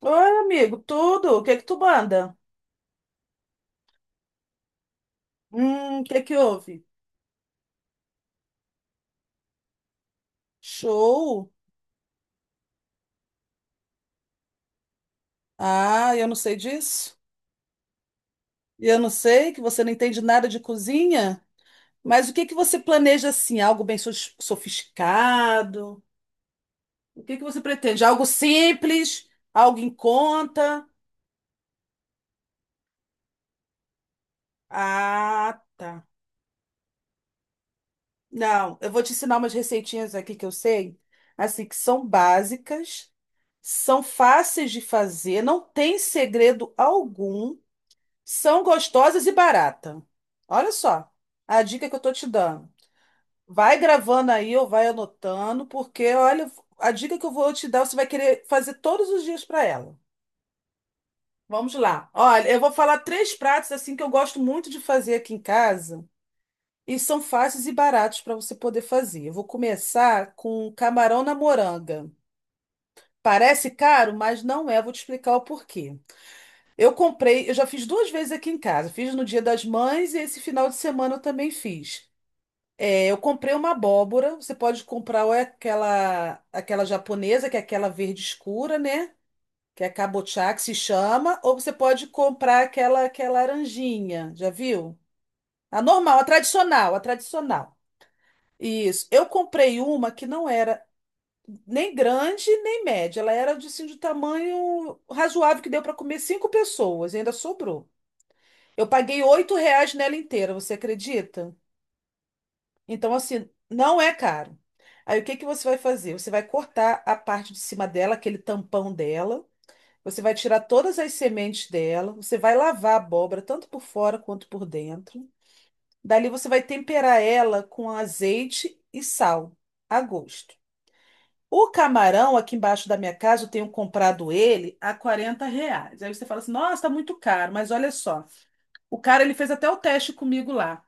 Oi, amigo, tudo? O que que tu manda? O que que houve? Show? Ah, eu não sei disso. E eu não sei que você não entende nada de cozinha, mas o que que você planeja assim? Algo bem sofisticado? O que que você pretende? Algo simples? Algo em conta? Ah, tá. Não, eu vou te ensinar umas receitinhas aqui que eu sei, assim, que são básicas, são fáceis de fazer, não tem segredo algum. São gostosas e barata. Olha só a dica que eu tô te dando. Vai gravando aí ou vai anotando, porque olha, a dica que eu vou te dar, você vai querer fazer todos os dias para ela. Vamos lá. Olha, eu vou falar três pratos assim que eu gosto muito de fazer aqui em casa e são fáceis e baratos para você poder fazer. Eu vou começar com camarão na moranga. Parece caro, mas não é. Vou te explicar o porquê. Eu comprei, eu já fiz duas vezes aqui em casa. Fiz no Dia das Mães e esse final de semana eu também fiz. É, eu comprei uma abóbora. Você pode comprar ou é aquela japonesa, que é aquela verde escura, né? Que é kabocha, que se chama. Ou você pode comprar aquela que é laranjinha. Já viu? A normal, a tradicional, a tradicional. Isso. Eu comprei uma que não era nem grande nem média. Ela era de, assim, de tamanho razoável que deu para comer cinco pessoas e ainda sobrou. Eu paguei R$ 8 nela inteira, você acredita? Então, assim, não é caro. Aí, o que que você vai fazer? Você vai cortar a parte de cima dela, aquele tampão dela. Você vai tirar todas as sementes dela. Você vai lavar a abóbora, tanto por fora quanto por dentro. Dali, você vai temperar ela com azeite e sal, a gosto. O camarão, aqui embaixo da minha casa, eu tenho comprado ele a R$ 40. Aí você fala assim, nossa, tá muito caro. Mas olha só, o cara, ele fez até o teste comigo lá.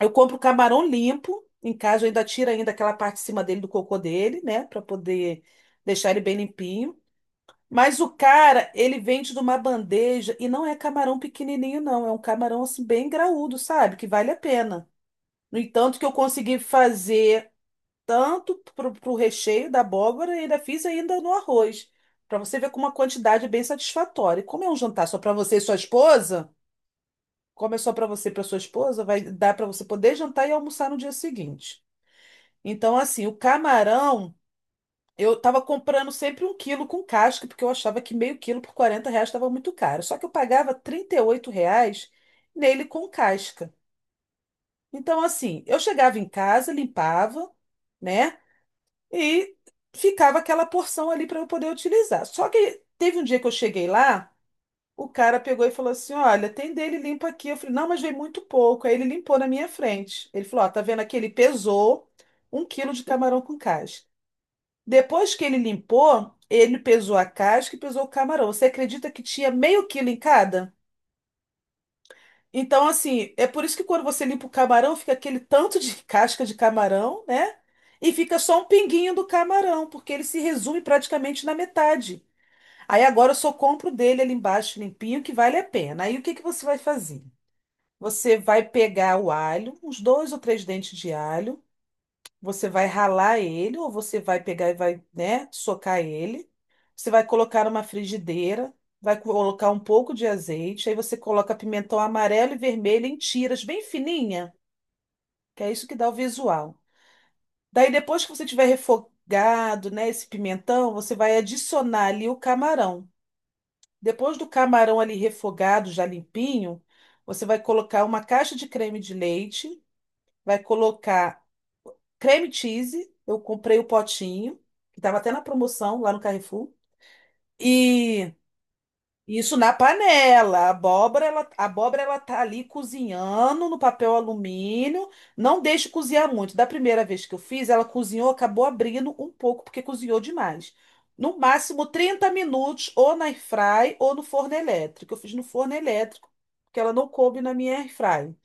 Eu compro camarão limpo, em casa eu ainda tiro ainda aquela parte de cima dele do cocô dele, né, para poder deixar ele bem limpinho. Mas o cara, ele vende de uma bandeja e não é camarão pequenininho não, é um camarão assim bem graúdo, sabe? Que vale a pena. No entanto, que eu consegui fazer tanto pro recheio da abóbora e ainda fiz ainda no arroz, para você ver com uma quantidade é bem satisfatória. E como é um jantar só para você e sua esposa, como é só para você e para sua esposa, vai dar para você poder jantar e almoçar no dia seguinte. Então, assim, o camarão, eu tava comprando sempre um quilo com casca, porque eu achava que meio quilo por R$ 40 estava muito caro. Só que eu pagava R$ 38 nele com casca. Então, assim, eu chegava em casa, limpava, né? E ficava aquela porção ali para eu poder utilizar. Só que teve um dia que eu cheguei lá, o cara pegou e falou assim: Olha, tem dele limpo aqui. Eu falei: Não, mas veio muito pouco. Aí ele limpou na minha frente. Ele falou: Ó, tá vendo aqui? Ele pesou um quilo de camarão com casca. Depois que ele limpou, ele pesou a casca e pesou o camarão. Você acredita que tinha meio quilo em cada? Então, assim, é por isso que quando você limpa o camarão, fica aquele tanto de casca de camarão, né? E fica só um pinguinho do camarão, porque ele se resume praticamente na metade. Aí agora eu só compro dele ali embaixo, limpinho, que vale a pena. Aí o que que você vai fazer? Você vai pegar o alho, uns dois ou três dentes de alho. Você vai ralar ele, ou você vai pegar e vai, né, socar ele. Você vai colocar numa frigideira, vai colocar um pouco de azeite, aí você coloca pimentão amarelo e vermelho em tiras bem fininha, que é isso que dá o visual. Daí depois que você tiver refogado, né, esse pimentão, você vai adicionar ali o camarão. Depois do camarão ali refogado, já limpinho, você vai colocar uma caixa de creme de leite, vai colocar creme cheese, eu comprei o potinho, que estava até na promoção lá no Carrefour. E isso na panela. A abóbora, ela tá ali cozinhando no papel alumínio. Não deixe cozinhar muito. Da primeira vez que eu fiz, ela cozinhou, acabou abrindo um pouco, porque cozinhou demais. No máximo 30 minutos, ou na airfry ou no forno elétrico. Eu fiz no forno elétrico, porque ela não coube na minha airfry.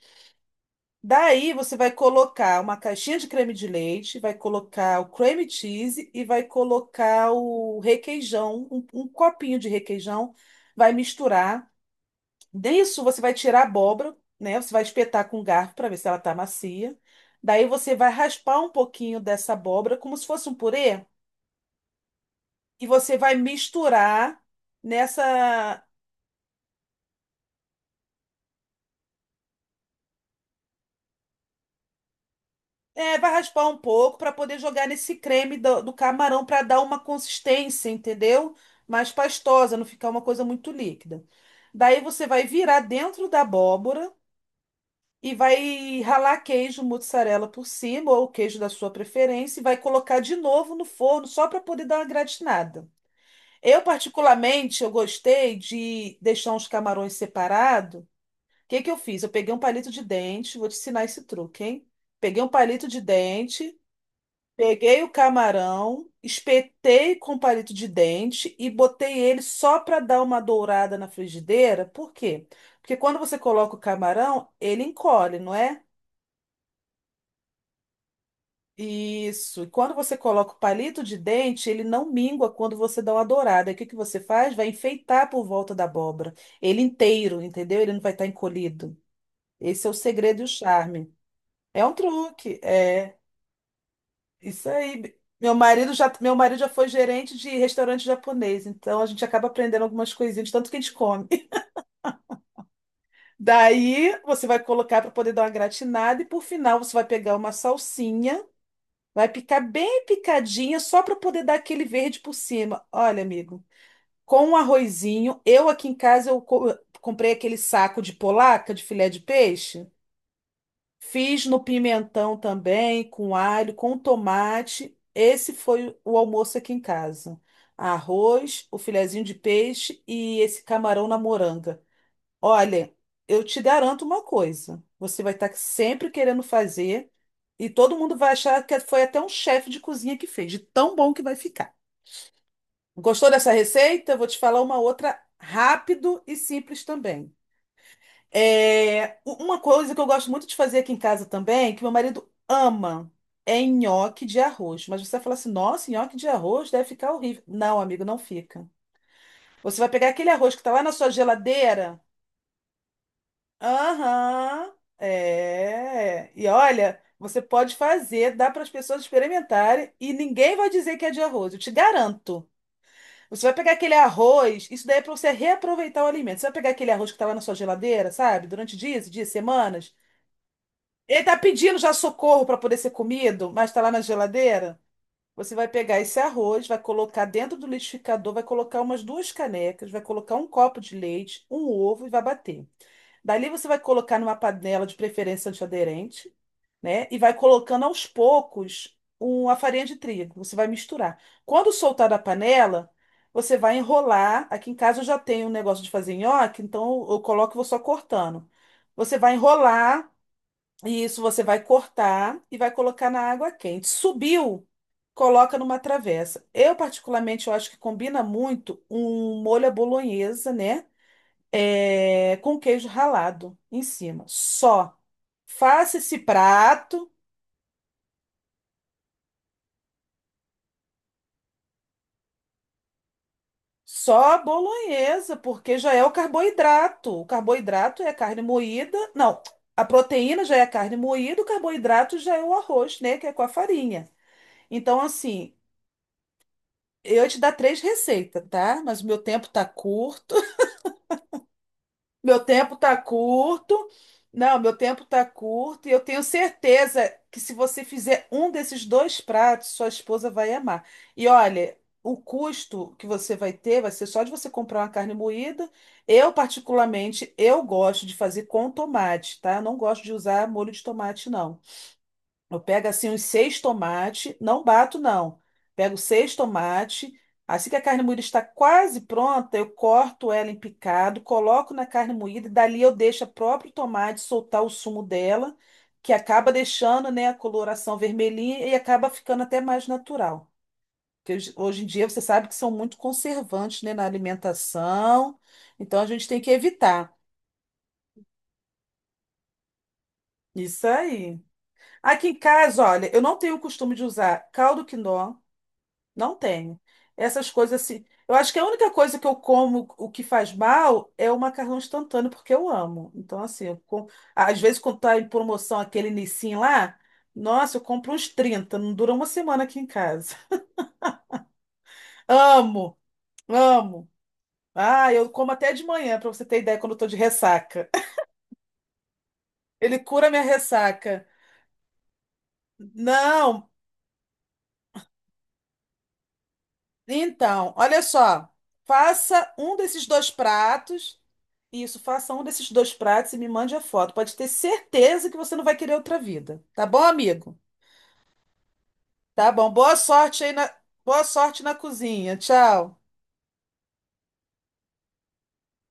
Daí você vai colocar uma caixinha de creme de leite, vai colocar o cream cheese e vai colocar o requeijão, um copinho de requeijão, vai misturar. Disso você vai tirar a abóbora, né? Você vai espetar com um garfo para ver se ela tá macia. Daí você vai raspar um pouquinho dessa abóbora como se fosse um purê e você vai misturar nessa. É, vai raspar um pouco para poder jogar nesse creme do camarão para dar uma consistência, entendeu? Mais pastosa, não ficar uma coisa muito líquida. Daí você vai virar dentro da abóbora e vai ralar queijo mozzarella por cima, ou queijo da sua preferência, e vai colocar de novo no forno só para poder dar uma gratinada. Eu, particularmente, eu gostei de deixar uns camarões separados. O que que eu fiz? Eu peguei um palito de dente, vou te ensinar esse truque, hein? Peguei um palito de dente. Peguei o camarão, espetei com palito de dente e botei ele só para dar uma dourada na frigideira. Por quê? Porque quando você coloca o camarão, ele encolhe, não é? Isso. E quando você coloca o palito de dente, ele não mingua quando você dá uma dourada. E o que que você faz? Vai enfeitar por volta da abóbora. Ele inteiro, entendeu? Ele não vai estar encolhido. Esse é o segredo e o charme. É um truque, é. Isso aí. Meu marido já foi gerente de restaurante japonês, então a gente acaba aprendendo algumas coisinhas, de tanto que a gente come. Daí você vai colocar para poder dar uma gratinada e por final você vai pegar uma salsinha, vai picar bem picadinha só para poder dar aquele verde por cima. Olha, amigo, com um arrozinho, eu aqui em casa eu comprei aquele saco de polaca, de filé de peixe. Fiz no pimentão também, com alho, com tomate. Esse foi o almoço aqui em casa. Arroz, o filezinho de peixe e esse camarão na moranga. Olha, eu te garanto uma coisa: você vai estar sempre querendo fazer e todo mundo vai achar que foi até um chefe de cozinha que fez, de tão bom que vai ficar. Gostou dessa receita? Eu vou te falar uma outra rápido e simples também. É, uma coisa que eu gosto muito de fazer aqui em casa também, que meu marido ama, é nhoque de arroz. Mas você vai falar assim, nossa, nhoque de arroz deve ficar horrível. Não, amigo, não fica. Você vai pegar aquele arroz que tá lá na sua geladeira. Aham, é. E olha, você pode fazer, dá para as pessoas experimentarem e ninguém vai dizer que é de arroz, eu te garanto. Você vai pegar aquele arroz, isso daí é para você reaproveitar o alimento. Você vai pegar aquele arroz que estava na sua geladeira, sabe? Durante dias, e dias, semanas. Ele tá pedindo já socorro para poder ser comido, mas tá lá na geladeira. Você vai pegar esse arroz, vai colocar dentro do liquidificador, vai colocar umas duas canecas, vai colocar um copo de leite, um ovo e vai bater. Dali você vai colocar numa panela de preferência antiaderente, né? E vai colocando aos poucos a farinha de trigo. Você vai misturar. Quando soltar da panela, você vai enrolar. Aqui em casa eu já tenho um negócio de fazer nhoque, então eu coloco e vou só cortando. Você vai enrolar e isso você vai cortar e vai colocar na água quente. Subiu, coloca numa travessa. Eu, particularmente, eu acho que combina muito um molho à bolonhesa, né? É, com queijo ralado em cima. Só. Faça esse prato só a bolonhesa, porque já é o carboidrato. O carboidrato é a carne moída. Não, a proteína já é a carne moída, o carboidrato já é o arroz, né? Que é com a farinha. Então, assim. Eu ia te dar três receitas, tá? Mas o meu tempo tá curto. Meu tempo tá curto. Não, meu tempo tá curto. E eu tenho certeza que se você fizer um desses dois pratos, sua esposa vai amar. E olha, o custo que você vai ter vai ser só de você comprar uma carne moída. Eu, particularmente, eu gosto de fazer com tomate, tá? Eu não gosto de usar molho de tomate, não. Eu pego assim uns seis tomates, não bato não. Pego seis tomates, assim que a carne moída está quase pronta, eu corto ela em picado, coloco na carne moída e dali eu deixo o próprio tomate soltar o sumo dela, que acaba deixando, né, a coloração vermelhinha e acaba ficando até mais natural. Porque hoje em dia você sabe que são muito conservantes, né, na alimentação, então a gente tem que evitar. Isso aí. Aqui em casa, olha, eu não tenho o costume de usar caldo quinó. Não tenho. Essas coisas assim. Eu acho que a única coisa que eu como o que faz mal é o macarrão instantâneo, porque eu amo. Então, assim, eu com... às vezes quando tá em promoção aquele Nissin lá, nossa, eu compro uns 30. Não dura uma semana aqui em casa. Amo, amo. Ah, eu como até de manhã, pra você ter ideia, quando eu tô de ressaca. Ele cura minha ressaca. Não, então, olha só. Faça um desses dois pratos. Isso, faça um desses dois pratos e me mande a foto. Pode ter certeza que você não vai querer outra vida. Tá bom, amigo? Tá bom. Boa sorte aí na... Boa sorte na cozinha. Tchau.